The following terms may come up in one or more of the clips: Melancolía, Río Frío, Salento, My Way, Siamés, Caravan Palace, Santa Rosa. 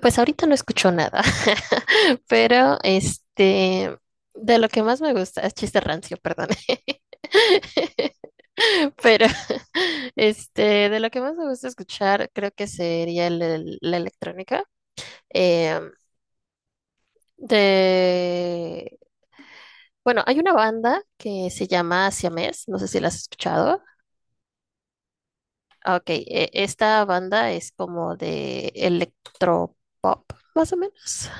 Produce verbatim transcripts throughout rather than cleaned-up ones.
Pues ahorita no escucho nada, pero este, de lo que más me gusta, es chiste rancio, perdón. Pero este, de lo que más me gusta escuchar, creo que sería el- el- la electrónica. Eh, de, bueno, hay una banda que se llama Siamés, no sé si la has escuchado. Ah, ok, e- esta banda es como de electropop, más o menos.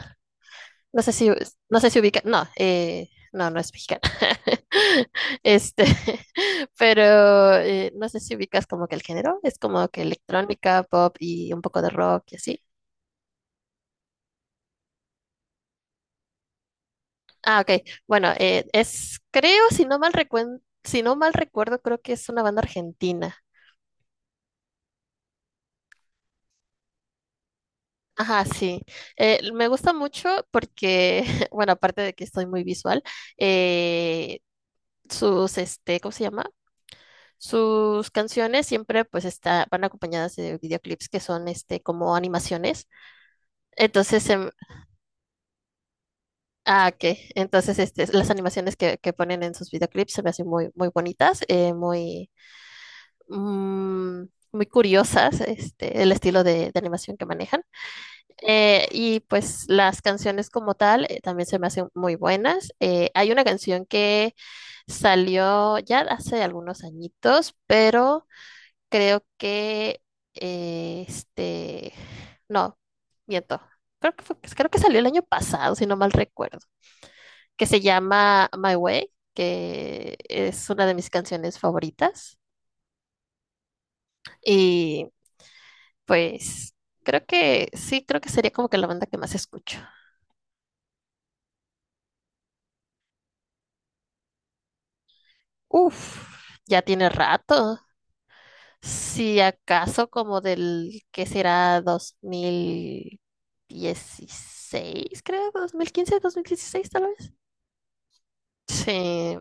No sé si, no sé si ubica, no, eh, no, no es mexicana. Este, pero eh, no sé si ubicas como que el género, es como que electrónica, pop y un poco de rock y así. Ah, ok. Bueno, eh, es, creo, si no mal recuen- si no mal recuerdo, creo que es una banda argentina. Ajá, sí. Eh, me gusta mucho porque, bueno, aparte de que estoy muy visual, eh, sus, este, ¿cómo se llama? Sus canciones siempre pues está, van acompañadas de videoclips que son este como animaciones. Entonces, em, ah, que Entonces, este, las animaciones que, que ponen en sus videoclips se me hacen muy, muy bonitas, eh, muy, mm, muy curiosas, este, el estilo de, de animación que manejan. Eh, y pues las canciones como tal eh, también se me hacen muy buenas. Eh, hay una canción que salió ya hace algunos añitos, pero creo que eh, este, no, miento. Creo que fue- creo que salió el año pasado, si no mal recuerdo, que se llama My Way, que es una de mis canciones favoritas. Y pues creo que sí, creo que sería como que la banda que más escucho. Uf, ya tiene rato. Si acaso como del que será dos mil dieciséis creo, dos dos mil quince dos mil dieciséis tal vez. Sí,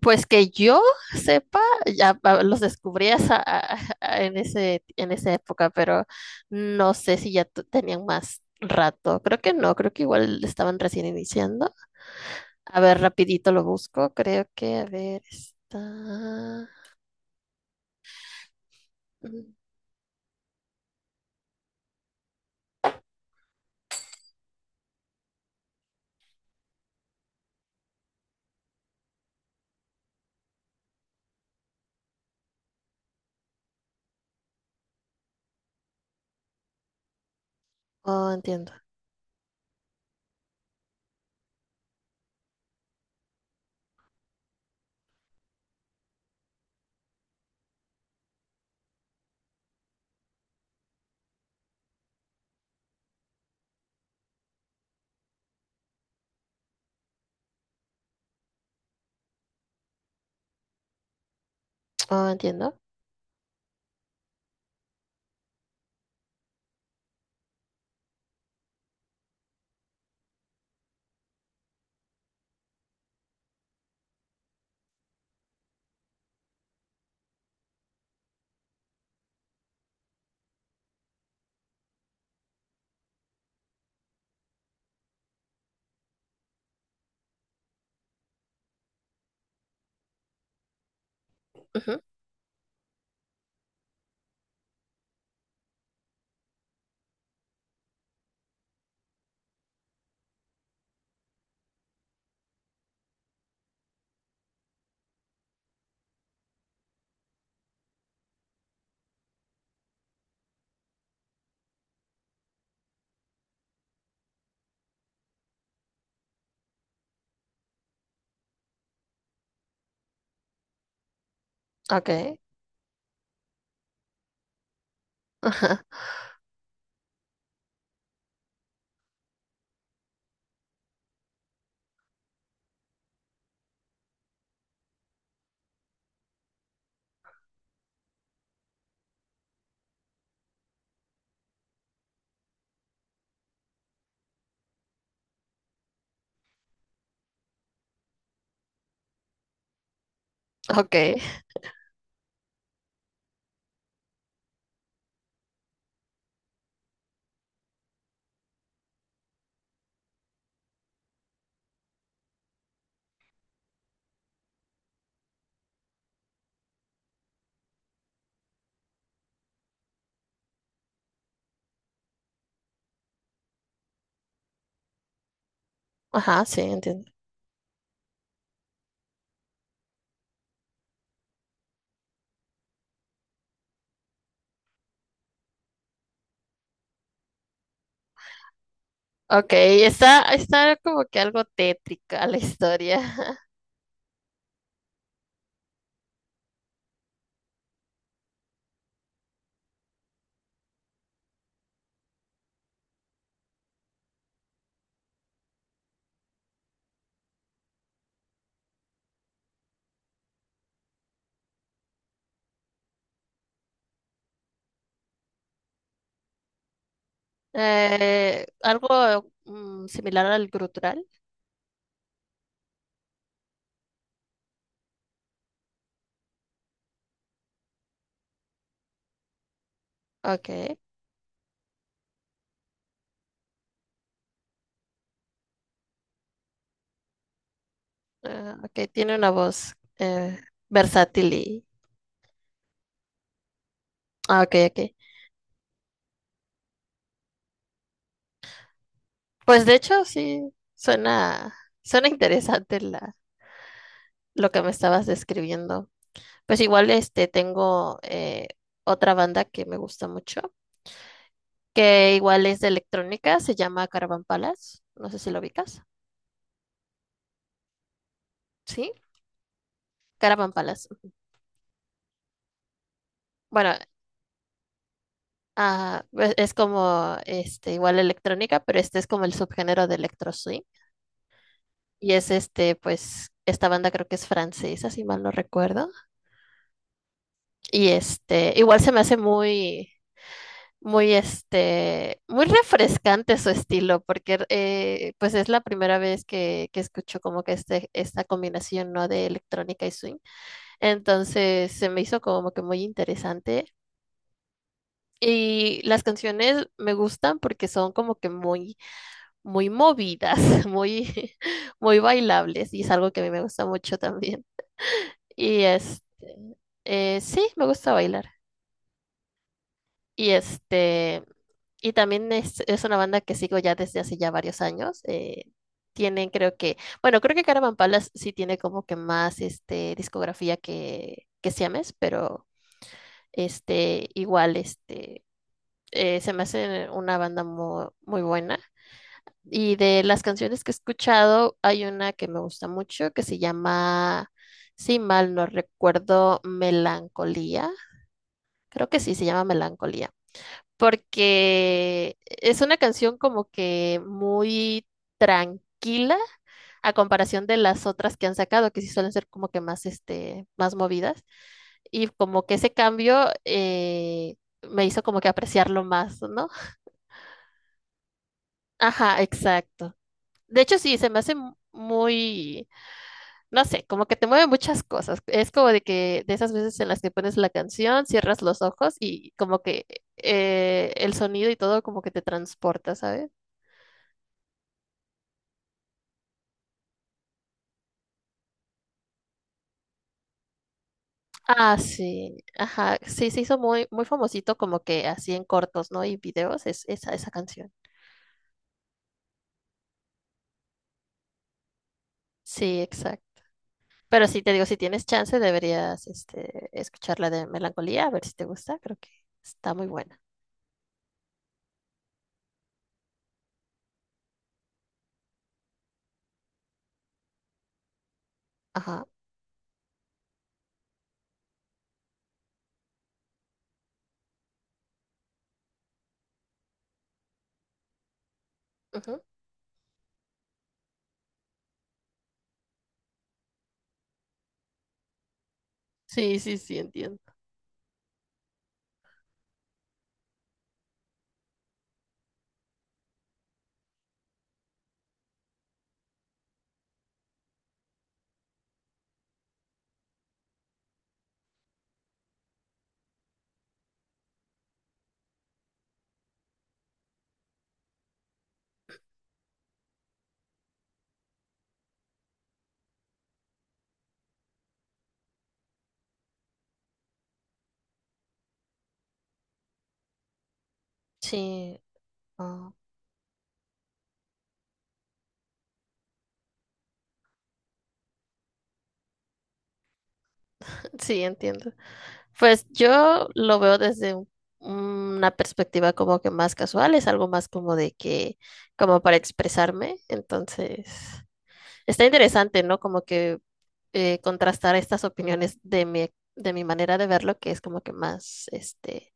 pues que yo sepa, ya ah, los descubrí esa- a- a- en ese, en esa época, pero no sé si ya tu- tenían más rato. Creo que no, creo que igual estaban recién iniciando. A ver, rapidito lo busco. Creo que, a ver, está. mm, Oh, entiendo. Oh, entiendo. Ujú. Ok. Ajá. Ok. Ajá, sí, entiendo. Ok, está, está como que algo tétrica la historia. Eh, algo mm, similar al grutural. Ok. Ah, ok, tiene una voz eh, versátil y. Ah, ok, ok. Pues de hecho, sí, suena, suena interesante la, lo que me estabas describiendo. Pues igual este tengo eh, otra banda que me gusta mucho, que igual es de electrónica, se llama Caravan Palace. No sé si lo ubicas. ¿Sí? Caravan Palace. Bueno, ah, pues, es como este igual electrónica, pero este es como el subgénero de electro swing y es este pues esta banda creo que es francesa, si mal no recuerdo. Y este igual se me hace muy muy este muy refrescante su estilo porque eh, pues es la primera vez que, que escucho como que este esta combinación no de electrónica y swing. Entonces se me hizo como que muy interesante. Y las canciones me gustan porque son como que muy muy movidas, muy, muy bailables, y es algo que a mí me gusta mucho también. Y este, eh, sí, me gusta bailar. Y este, y también es, es una banda que sigo ya desde hace ya varios años. eh, tienen, creo que, bueno, creo que Caravan Palace sí tiene como que más este, discografía que, que Siames, pero este, igual, este, eh, se me hace una banda muy, muy buena. Y de las canciones que he escuchado, hay una que me gusta mucho que se llama, si mal no recuerdo, Melancolía. Creo que sí, se llama Melancolía. Porque es una canción como que muy tranquila a comparación de las otras que han sacado, que sí suelen ser como que más, este, más movidas. Y como que ese cambio eh, me hizo como que apreciarlo más, ¿no? Ajá, exacto. De hecho, sí, se me hace mu- muy no sé, como que te mueve muchas cosas. Es como de que de esas veces en las que pones la canción, cierras los ojos y como que eh, el sonido y todo como que te transporta, ¿sabes? Ah, sí, ajá, sí, se hizo muy, muy famosito como que así en cortos, ¿no? Y videos, es, esa, esa canción. Sí, exacto. Pero sí, te digo, si tienes chance, deberías este, escuchar la de Melancolía, a ver si te gusta, creo que está muy buena. Ajá. Ujú. Sí, sí, sí, entiendo. Sí, ah, sí, entiendo. Pues yo lo veo desde un- una perspectiva como que más casual, es algo más como de que, como para expresarme. Entonces, está interesante, ¿no? Como que eh, contrastar estas opiniones de mi, de mi manera de verlo, que es como que más, este,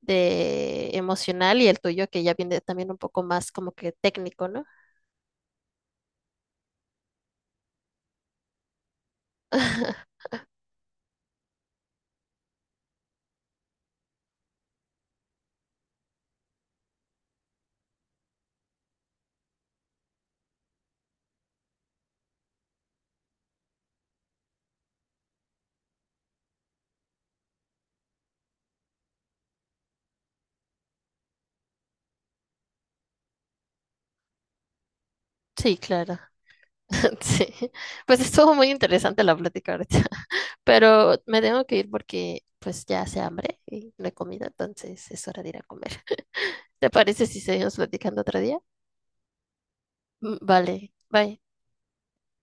de emocional y el tuyo, que ya viene también un poco más como que técnico, ¿no? Sí, claro. Sí. Pues estuvo muy interesante la plática ahorita. Pero me tengo que ir porque pues ya hace hambre y no he comido, entonces es hora de ir a comer. ¿Te parece si seguimos platicando otro día? Mm, vale, bye.